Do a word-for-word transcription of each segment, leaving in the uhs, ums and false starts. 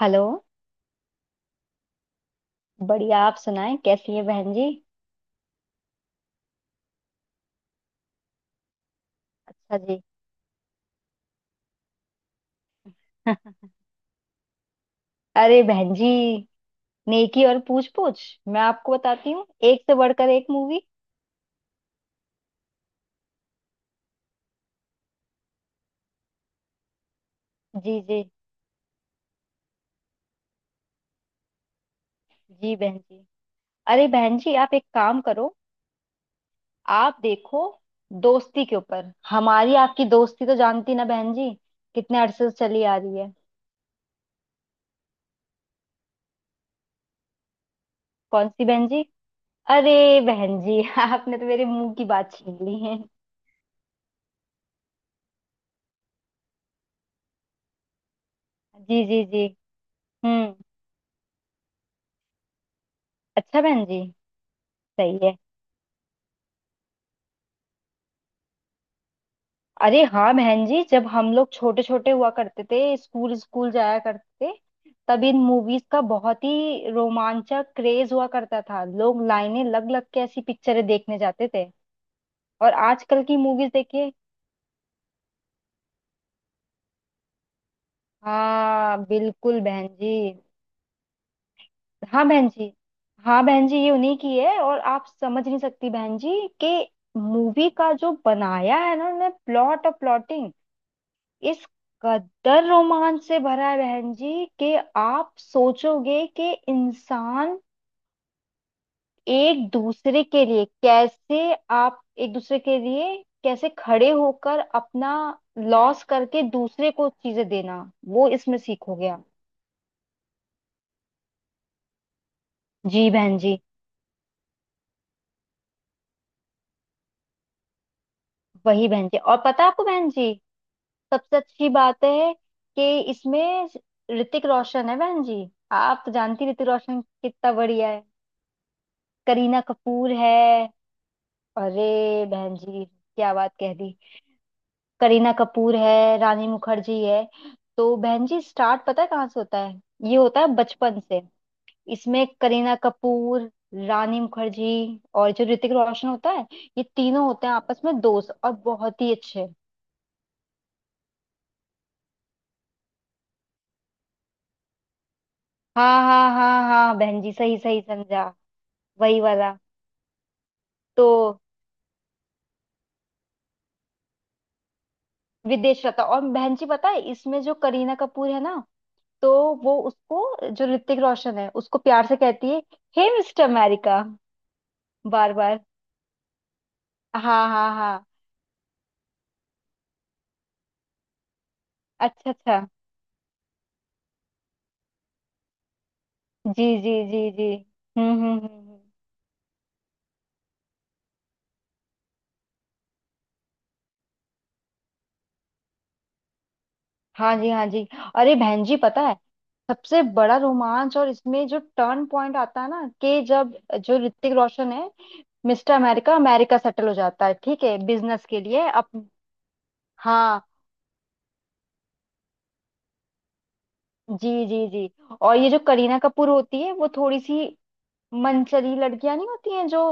Hello. बढ़िया, आप सुनाएं कैसी है बहन जी। अच्छा जी। अरे बहन जी, नेकी और पूछ पूछ। मैं आपको बताती हूँ एक से बढ़कर एक मूवी। जी जी जी बहन जी। अरे बहन जी आप एक काम करो, आप देखो। दोस्ती के ऊपर, हमारी आपकी दोस्ती तो जानती ना बहन जी, कितने अरसे से चली आ रही है। कौन सी बहन जी। अरे बहन जी, आपने तो मेरे मुंह की बात छीन ली है। जी जी जी। हम्म। अच्छा बहन जी। सही है। अरे हाँ बहन जी, जब हम लोग छोटे छोटे हुआ करते थे, स्कूल स्कूल जाया करते थे, तब इन मूवीज का बहुत ही रोमांचक क्रेज हुआ करता था। लोग लाइनें लग लग के ऐसी पिक्चरें देखने जाते थे। और आजकल की मूवीज देखिए। हाँ बिल्कुल बहन जी। हाँ बहन जी। हाँ बहन जी ये उन्हीं की है। और आप समझ नहीं सकती बहन जी कि मूवी का जो बनाया है ना उन्होंने, प्लॉट और प्लॉटिंग इस कदर रोमांच से भरा है बहन जी कि आप सोचोगे कि इंसान एक दूसरे के लिए कैसे, आप एक दूसरे के लिए कैसे खड़े होकर अपना लॉस करके दूसरे को चीजें देना, वो इसमें सीखोगे आप। जी बहन जी। वही बहन जी। और पता है आपको बहन जी, सबसे अच्छी बात है कि इसमें ऋतिक रोशन है बहन जी। आप तो जानती हैं ऋतिक रोशन कितना बढ़िया है। करीना कपूर है। अरे बहन जी क्या बात कह दी। करीना कपूर है, रानी मुखर्जी है। तो बहन जी स्टार्ट पता है कहाँ से होता है, ये होता है बचपन से। इसमें करीना कपूर, रानी मुखर्जी और जो ऋतिक रोशन होता है, ये तीनों होते हैं आपस में दोस्त, और बहुत ही अच्छे। हाँ हाँ हाँ हाँ बहन जी, सही सही समझा। वही वाला। तो विदेश रहता। और बहन जी पता है, इसमें जो करीना कपूर है ना, तो वो उसको, जो ऋतिक रोशन है उसको प्यार से कहती है हे मिस्टर अमेरिका, बार बार। हाँ हाँ हाँ। अच्छा अच्छा। जी जी जी जी। हम्म हम्म हम्म हम्म। हाँ जी हाँ जी। अरे बहन जी पता है, सबसे बड़ा रोमांच और इसमें जो टर्न पॉइंट आता है ना कि जब जो ऋतिक रोशन है, मिस्टर अमेरिका अमेरिका सेटल हो जाता है, ठीक है, बिजनेस के लिए अप। हाँ जी जी जी। और ये जो करीना कपूर होती है, वो थोड़ी सी मनचली लड़कियां नहीं होती हैं जो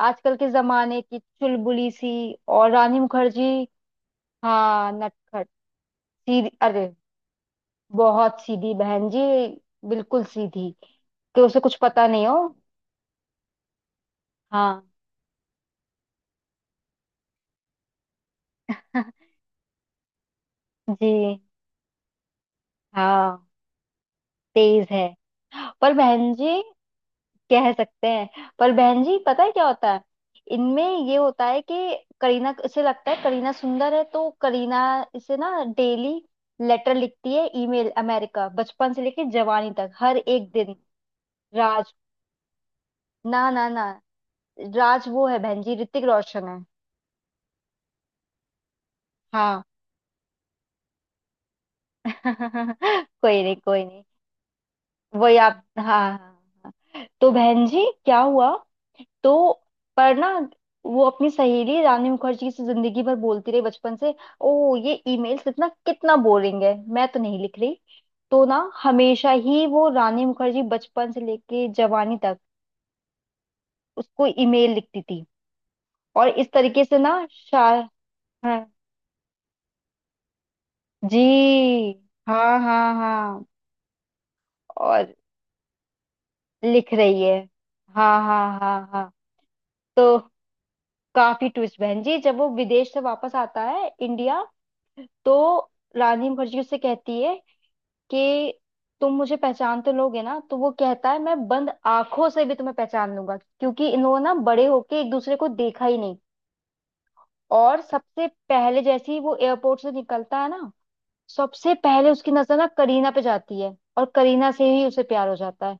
आजकल के जमाने की चुलबुली सी, और रानी मुखर्जी। हाँ नटखट। सीधी, अरे बहुत सीधी बहन जी, बिल्कुल सीधी। कि उसे कुछ पता नहीं हो। हाँ। जी। हाँ तेज है। पर बहन जी कह सकते हैं, पर बहन जी पता है क्या होता है, इनमें ये होता है कि करीना, इसे लगता है करीना सुंदर है, तो करीना इसे ना डेली लेटर लिखती है, ईमेल, अमेरिका, बचपन से लेके जवानी तक हर एक दिन। राज, ना ना ना, राज वो है बहन जी, ऋतिक रोशन है। हाँ। कोई नहीं कोई नहीं। वही आप, हाँ हाँ हाँ। हाँ। तो बहन जी क्या हुआ, तो पर ना वो अपनी सहेली रानी मुखर्जी से जिंदगी भर बोलती रही, बचपन से, ओ ये ईमेल्स इतना कितना बोरिंग है, मैं तो नहीं लिख रही। तो ना हमेशा ही वो रानी मुखर्जी बचपन से लेके जवानी तक उसको ईमेल लिखती थी। और इस तरीके से ना शायद। हाँ जी। हाँ हाँ हाँ। और लिख रही है। हाँ हाँ हाँ हाँ। तो काफी ट्विस्ट बहन जी, जब वो विदेश से वापस आता है इंडिया, तो रानी मुखर्जी उससे कहती है कि तुम मुझे पहचान तो लोगे ना, तो वो कहता है मैं बंद आंखों से भी तुम्हें पहचान लूंगा, क्योंकि इन लोगों ने ना बड़े होके एक दूसरे को देखा ही नहीं। और सबसे पहले जैसे ही वो एयरपोर्ट से निकलता है ना, सबसे पहले उसकी नजर ना करीना पे जाती है और करीना से ही उसे प्यार हो जाता है।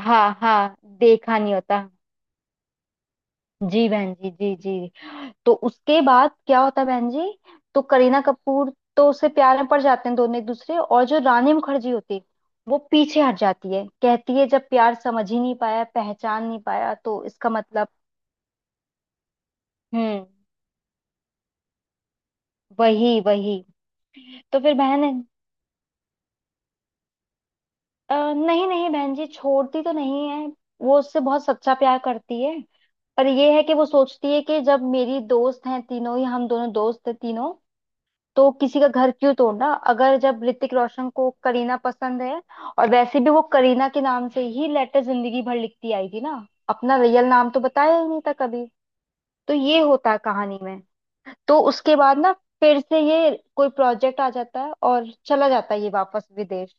हाँ हाँ देखा नहीं होता। जी बहन जी जी जी। तो उसके बाद क्या होता है बहन जी, तो करीना कपूर, तो उससे प्यार में पड़ जाते हैं दोनों एक दूसरे, और जो रानी मुखर्जी होती है, वो पीछे हट जाती है, कहती है जब प्यार समझ ही नहीं पाया, पहचान नहीं पाया, तो इसका मतलब। हम्म। वही वही। तो फिर बहन, अ, नहीं नहीं बहन जी, छोड़ती तो नहीं है, वो उससे बहुत सच्चा प्यार करती है। पर ये है कि वो सोचती है कि जब मेरी दोस्त हैं तीनों ही, हम दोनों दोस्त हैं तीनों, तो किसी का घर क्यों तोड़ना, अगर जब ऋतिक रोशन को करीना पसंद है। और वैसे भी वो करीना के नाम से ही लेटर जिंदगी भर लिखती आई थी ना, अपना रियल नाम तो बताया ही नहीं था कभी। तो ये होता है कहानी में। तो उसके बाद ना, फिर से ये कोई प्रोजेक्ट आ जाता है और चला जाता है ये वापस विदेश।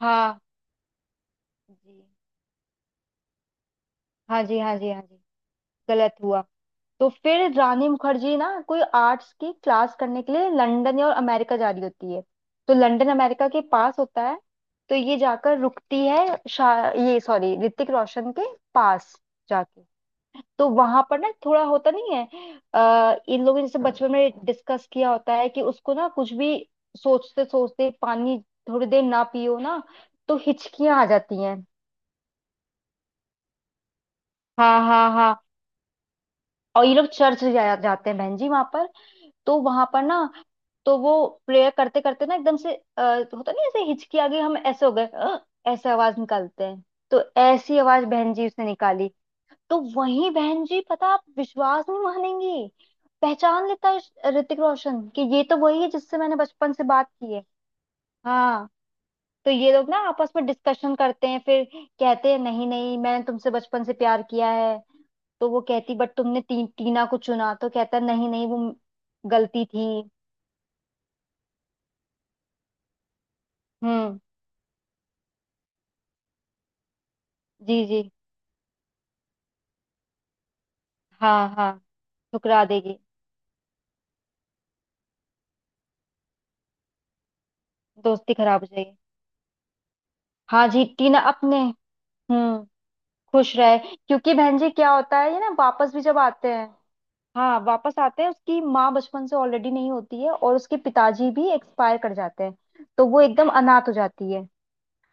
हाँ जी हाँ जी हाँ जी। हाँ जी। गलत हुआ। तो फिर रानी मुखर्जी ना कोई आर्ट्स की क्लास करने के लिए लंदन या और अमेरिका जा रही होती है, तो लंदन अमेरिका के पास होता है, तो ये जाकर रुकती है शा- ये सॉरी, ऋतिक रोशन के पास जाके। तो वहां पर ना थोड़ा होता नहीं है, आ, इन लोगों ने जैसे बचपन में डिस्कस किया होता है कि उसको ना कुछ भी सोचते सोचते पानी थोड़ी देर ना पियो ना, तो हिचकियां आ जाती हैं। हाँ हाँ हाँ। और ये लोग चर्च जा, जाते हैं बहन जी वहां पर। तो वहां पर ना, तो वो प्रेयर करते करते ना एकदम से अ, होता नहीं ऐसे हिचकी आ गई, हम ऐसे हो गए "अ", ऐसे आवाज निकालते हैं, तो ऐसी आवाज बहन जी उसने निकाली। तो वही बहन जी, पता आप विश्वास नहीं मानेंगी, पहचान लेता है ऋतिक रोशन कि ये तो वही है जिससे मैंने बचपन से बात की है। हाँ। तो ये लोग ना आपस में डिस्कशन करते हैं, फिर कहते हैं नहीं नहीं, मैंने तुमसे बचपन से प्यार किया है। तो वो कहती, बट तुमने टी, टीना को चुना, तो कहता नहीं नहीं वो गलती थी। हम्म। जी जी। हाँ हाँ। ठुकरा देगी। दोस्ती खराब हो जाएगी। हाँ जी, टीना अपने। हम्म। खुश रहे, क्योंकि बहन जी क्या होता है, ये ना वापस भी जब आते हैं। हाँ वापस आते हैं, उसकी माँ बचपन से ऑलरेडी नहीं होती है और उसके पिताजी भी एक्सपायर कर जाते हैं, तो वो एकदम अनाथ हो जाती है।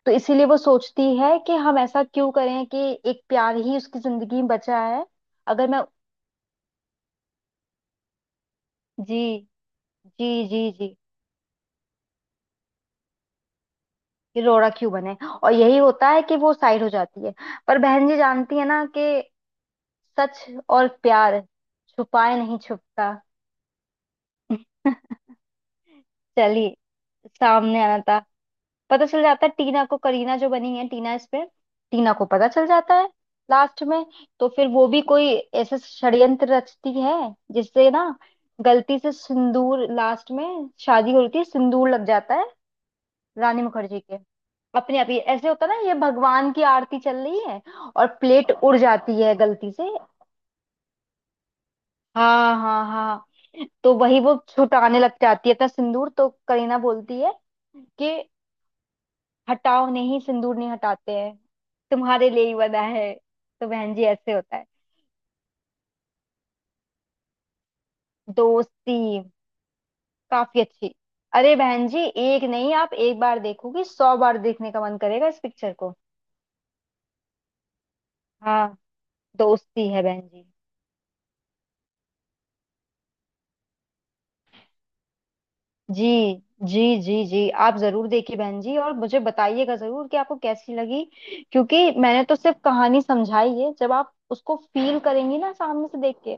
तो इसीलिए वो सोचती है कि हम ऐसा क्यों करें कि, एक प्यार ही उसकी जिंदगी में बचा है, अगर मैं। जी जी जी जी। ये रोड़ा क्यों बने। और यही होता है कि वो साइड हो जाती है। पर बहन जी जानती है ना कि सच और प्यार छुपाए नहीं छुपता। चलिए, सामने आना था। पता चल जाता है टीना को, करीना जो बनी है टीना, इस पे टीना को पता चल जाता है लास्ट में। तो फिर वो भी कोई ऐसे षड्यंत्र रचती है, जिससे ना गलती से सिंदूर, लास्ट में शादी होती है, सिंदूर लग जाता है रानी मुखर्जी के। अपने आप ही ऐसे होता ना, ये भगवान की आरती चल रही है और प्लेट उड़ जाती है गलती से। हाँ हाँ हाँ। तो वही वो छुटाने लग जाती है अपना सिंदूर, तो करीना बोलती है कि हटाओ नहीं, सिंदूर नहीं हटाते हैं, तुम्हारे लिए ही बना है। तो बहन जी ऐसे होता है। दोस्ती, काफी अच्छी। अरे बहन जी एक नहीं, आप एक बार देखोगी सौ बार देखने का मन करेगा इस पिक्चर को। हाँ। दोस्ती है बहन जी। जी जी जी जी, आप जरूर देखिए बहन जी और मुझे बताइएगा जरूर कि आपको कैसी लगी, क्योंकि मैंने तो सिर्फ कहानी समझाई है, जब आप उसको फील करेंगी ना सामने से देख के,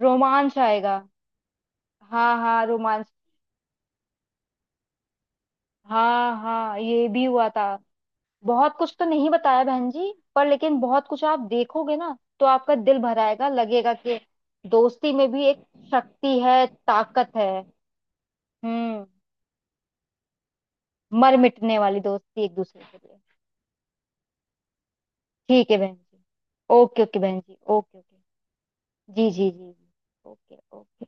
रोमांच आएगा। हाँ हाँ रोमांच। हाँ हाँ ये भी हुआ था। बहुत कुछ तो नहीं बताया बहन जी, पर लेकिन बहुत कुछ आप देखोगे ना, तो आपका दिल भर आएगा, लगेगा कि दोस्ती में भी एक शक्ति है, ताकत है। हम्म। मर मिटने वाली दोस्ती एक दूसरे के लिए। ठीक है बहन जी। ओके ओके बहन जी, ओके ओके। जी जी जी जी। Okay okay.